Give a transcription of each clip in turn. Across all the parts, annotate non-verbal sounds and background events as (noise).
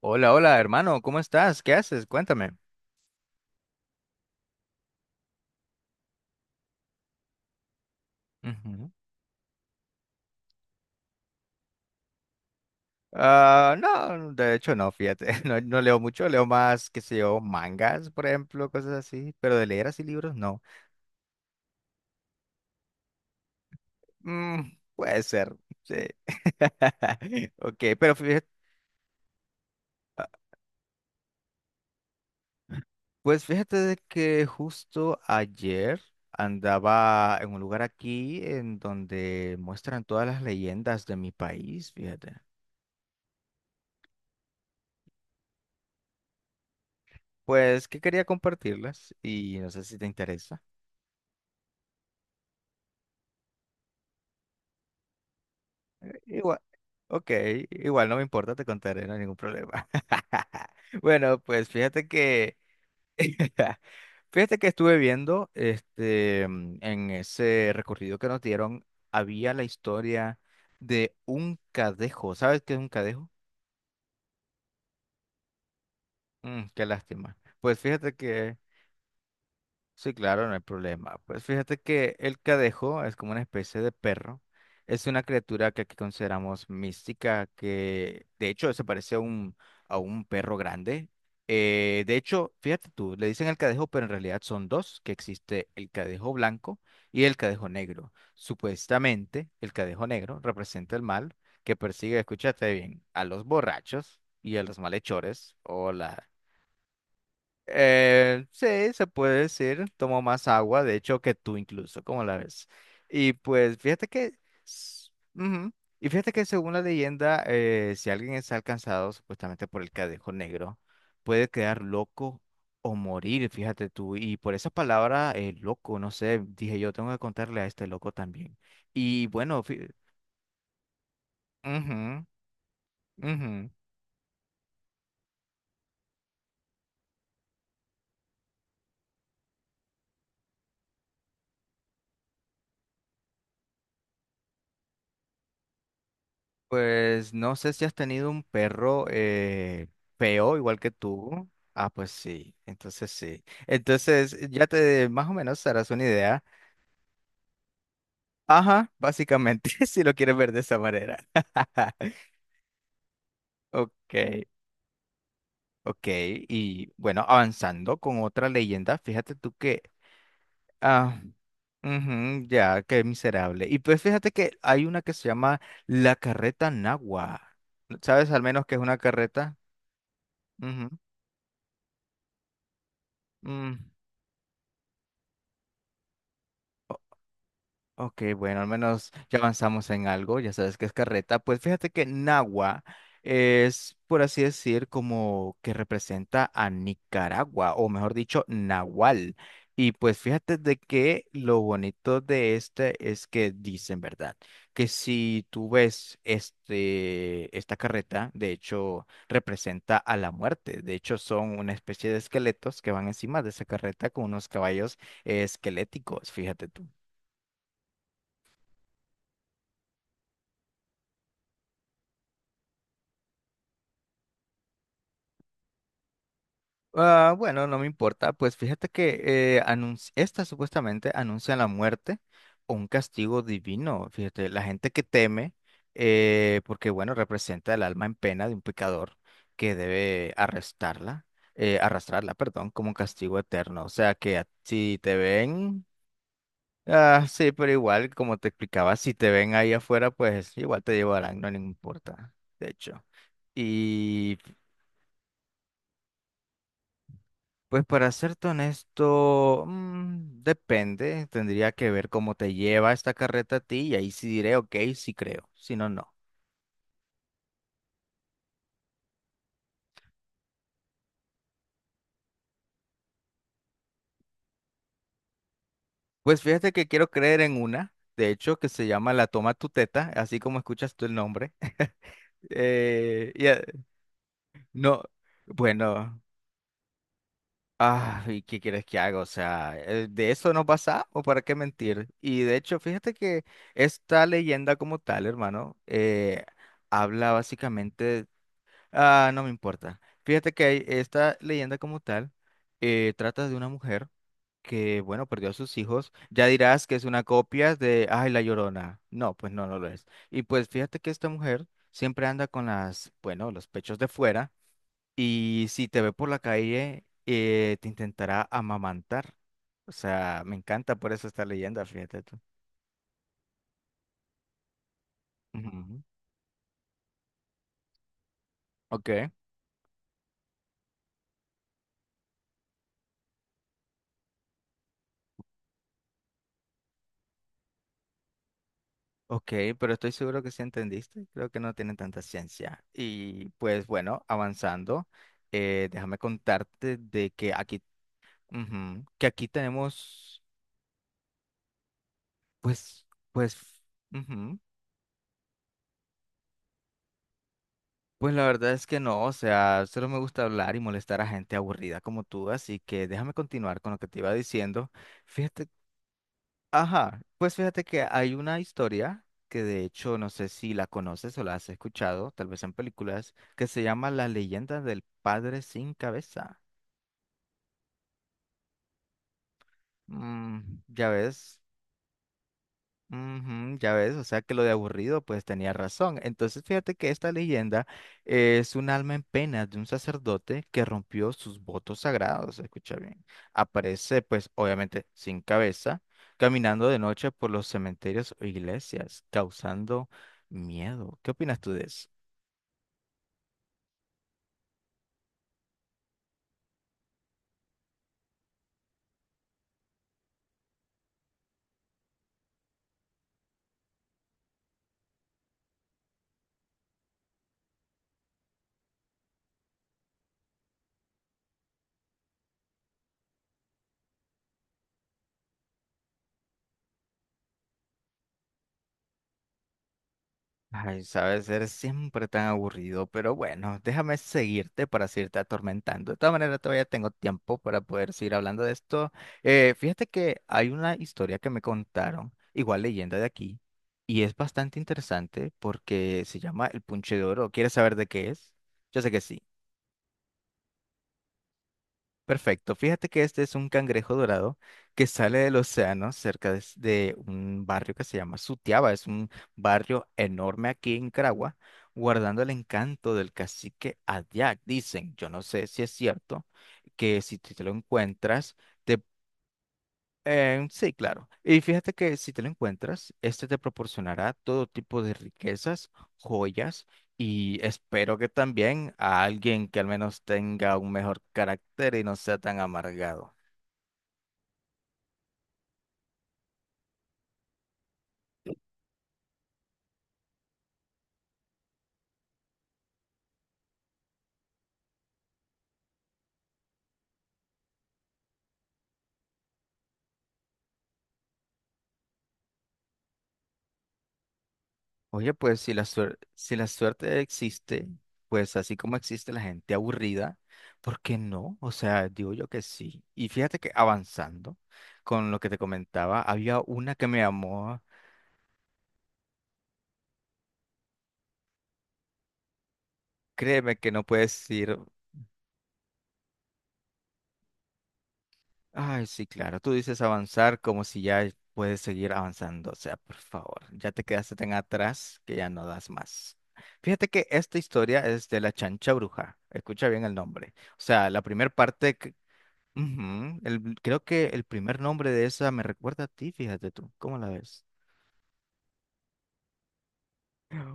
Hola, hola, hermano, ¿cómo estás? ¿Qué haces? Cuéntame. Ujú. Ah, no, de hecho no, fíjate, (laughs) no, no leo mucho, leo más, qué sé yo, mangas, por ejemplo, cosas así, pero de leer así libros, no. Mm, puede ser, sí. (laughs) Ok, pero fíjate, ah, pues fíjate de que justo ayer andaba en un lugar aquí en donde muestran todas las leyendas de mi país, fíjate. Pues que quería compartirlas y no sé si te interesa. Igual. Ok, igual no me importa, te contaré, no hay ningún problema. (laughs) Bueno, pues fíjate que (laughs) fíjate que estuve viendo este en ese recorrido que nos dieron, había la historia de un cadejo. ¿Sabes qué es un cadejo? Mm, qué lástima. Pues fíjate que sí, claro, no hay problema. Pues fíjate que el cadejo es como una especie de perro. Es una criatura que aquí consideramos mística, que de hecho se parece a un perro grande. De hecho, fíjate tú, le dicen el cadejo, pero en realidad son dos, que existe el cadejo blanco y el cadejo negro. Supuestamente, el cadejo negro representa el mal que persigue, escúchate bien, a los borrachos y a los malhechores o sí, se puede decir, tomo más agua, de hecho, que tú incluso, ¿cómo la ves? Y pues fíjate que, s- ujú. Y fíjate que según la leyenda, si alguien es alcanzado supuestamente por el cadejo negro, puede quedar loco o morir, fíjate tú. Y por esa palabra, loco, no sé, dije yo tengo que contarle a este loco también. Y bueno, ujú, ujú. Pues no sé si has tenido un perro feo igual que tú. Ah, pues sí. Entonces ya te más o menos harás una idea. Ajá, básicamente, (laughs) si lo quieres ver de esa manera. (laughs) Ok, ok. Y bueno, avanzando con otra leyenda, fíjate tú que... Ah, ujú, ya, qué miserable. Y pues fíjate que hay una que se llama la carreta nagua. ¿Sabes al menos que es una carreta? Ujú, mm. Ok, bueno, al menos ya avanzamos en algo, ya sabes que es carreta. Pues fíjate que Nagua es, por así decir, como que representa a Nicaragua, o mejor dicho, Nahual. Y pues fíjate de que lo bonito de este es que dicen, ¿verdad? Que si tú ves esta carreta, de hecho, representa a la muerte. De hecho, son una especie de esqueletos que van encima de esa carreta con unos caballos esqueléticos, fíjate tú. Ah, bueno, no me importa. Pues fíjate que esta supuestamente anuncia la muerte o un castigo divino. Fíjate, la gente que teme, porque bueno, representa el alma en pena de un pecador que debe arrastrarla, perdón, como un castigo eterno. O sea que si te ven, sí, pero igual, como te explicaba, si te ven ahí afuera, pues igual te llevarán, no le importa, de hecho. Y pues para serte honesto, mm, depende, tendría que ver cómo te lleva esta carreta a ti y ahí sí diré, ok, sí creo, si no, no. Pues fíjate que quiero creer en una, de hecho, que se llama La Toma tu Teta, así como escuchas tú el nombre. (laughs) Eh, y, eh, no, bueno, ¿y qué quieres que haga? O sea, de eso nos pasamos, ¿para qué mentir? Y de hecho, fíjate que esta leyenda como tal, hermano, habla básicamente. Ah, no me importa. Fíjate que esta leyenda como tal trata de una mujer que, bueno, perdió a sus hijos. Ya dirás que es una copia de, ay, La Llorona. No, pues no, no lo es. Y pues fíjate que esta mujer siempre anda con las, bueno, los pechos de fuera y si te ve por la calle, te intentará amamantar. O sea, me encanta por eso esta leyenda, fíjate tú. Ujú. Ok. Ok, pero estoy seguro que sí entendiste. Creo que no tiene tanta ciencia. Y pues bueno, avanzando, déjame contarte de que aquí, ujú, que aquí tenemos, pues, pues, ujú, pues la verdad es que no, o sea, solo me gusta hablar y molestar a gente aburrida como tú, así que déjame continuar con lo que te iba diciendo. Fíjate. Ajá, pues fíjate que hay una historia que de hecho no sé si la conoces o la has escuchado, tal vez en películas, que se llama Las leyendas del padre sin cabeza. Mm, ya ves. Ujú, ya ves, o sea que lo de aburrido pues tenía razón. Entonces fíjate que esta leyenda es un alma en pena de un sacerdote que rompió sus votos sagrados, escucha bien. Aparece pues obviamente sin cabeza, caminando de noche por los cementerios o iglesias, causando miedo. ¿Qué opinas tú de eso? Ay, sabes, eres siempre tan aburrido, pero bueno, déjame seguirte para seguirte atormentando. De todas maneras, todavía tengo tiempo para poder seguir hablando de esto. Fíjate que hay una historia que me contaron, igual leyenda de aquí, y es bastante interesante porque se llama El Punche de Oro. ¿Quieres saber de qué es? Yo sé que sí. Perfecto. Fíjate que este es un cangrejo dorado que sale del océano cerca de, de un barrio que se llama Sutiaba. Es un barrio enorme aquí en Caragua, guardando el encanto del cacique Adiac. Dicen, yo no sé si es cierto, que si tú te lo encuentras, te sí, claro. Y fíjate que si te lo encuentras, este te proporcionará todo tipo de riquezas, joyas y espero que también a alguien que al menos tenga un mejor carácter y no sea tan amargado. Oye, pues si la suerte existe, pues así como existe la gente aburrida, ¿por qué no? O sea, digo yo que sí. Y fíjate que avanzando con lo que te comentaba, había una que me llamó, créeme que no puedes ir. Ay, sí, claro, tú dices avanzar como si ya puedes seguir avanzando, o sea, por favor, ya te quedaste tan atrás que ya no das más. Fíjate que esta historia es de la chancha bruja, escucha bien el nombre. O sea, la primera parte, que... Ujú, creo que el primer nombre de esa me recuerda a ti, fíjate tú, ¿cómo la ves?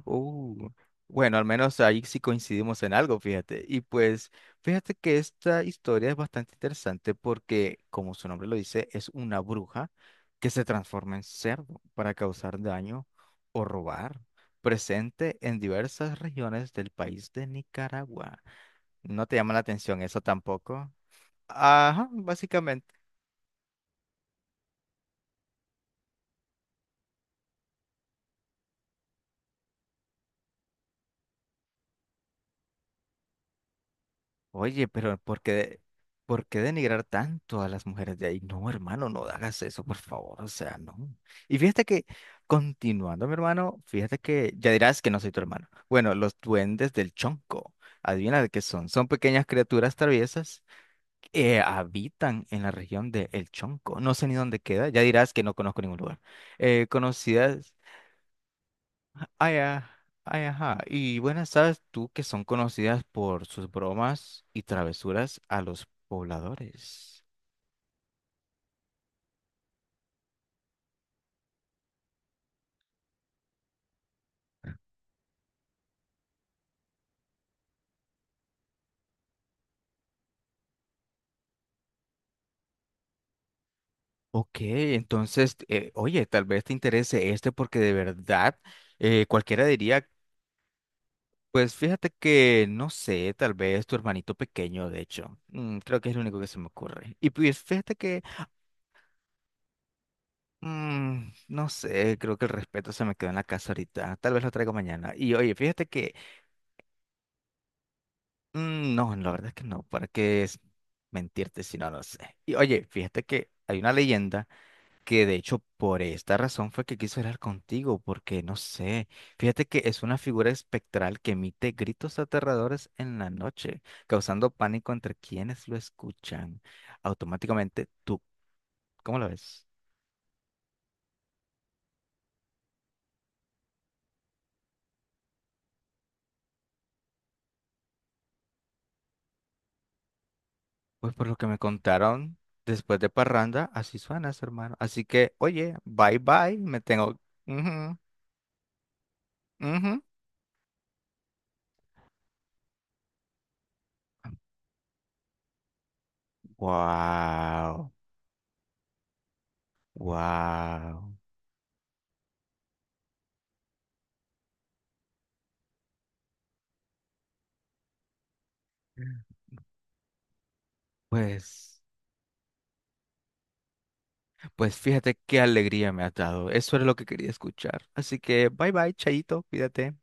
Uh, bueno, al menos ahí sí coincidimos en algo, fíjate. Y pues, fíjate que esta historia es bastante interesante porque, como su nombre lo dice, es una bruja que se transforma en cerdo para causar daño o robar, presente en diversas regiones del país de Nicaragua. ¿No te llama la atención eso tampoco? Ajá, básicamente. Oye, pero ¿por qué denigrar tanto a las mujeres de ahí? No, hermano, no hagas eso, por favor, o sea, no. Y fíjate que, continuando, mi hermano, fíjate que ya dirás que no soy tu hermano. Bueno, los duendes del Chonco, adivina de qué son. Son pequeñas criaturas traviesas que habitan en la región de El Chonco. No sé ni dónde queda, ya dirás que no conozco ningún lugar. Conocidas ay, ay, ajá. Y buenas, sabes tú que son conocidas por sus bromas y travesuras a los pobladores. Ok, entonces, oye, tal vez te interese este porque de verdad cualquiera diría, pues fíjate que, no sé, tal vez tu hermanito pequeño, de hecho, mm, creo que es lo único que se me ocurre. Y pues fíjate que, mm, no sé, creo que el respeto se me quedó en la casa ahorita, tal vez lo traigo mañana. Y oye, fíjate que... Mm, no, la verdad es que no, ¿para qué es mentirte si no lo sé? Y oye, fíjate que hay una leyenda que de hecho por esta razón fue que quiso hablar contigo, porque no sé, fíjate que es una figura espectral que emite gritos aterradores en la noche, causando pánico entre quienes lo escuchan. Automáticamente tú, ¿cómo lo ves? Pues por lo que me contaron después de Parranda, así suenas, hermano. Así que, oye, bye bye, me tengo... Ujú, ujú. Wow. Wow. Pues, pues fíjate qué alegría me ha dado. Eso era lo que quería escuchar. Así que bye bye, Chayito, cuídate.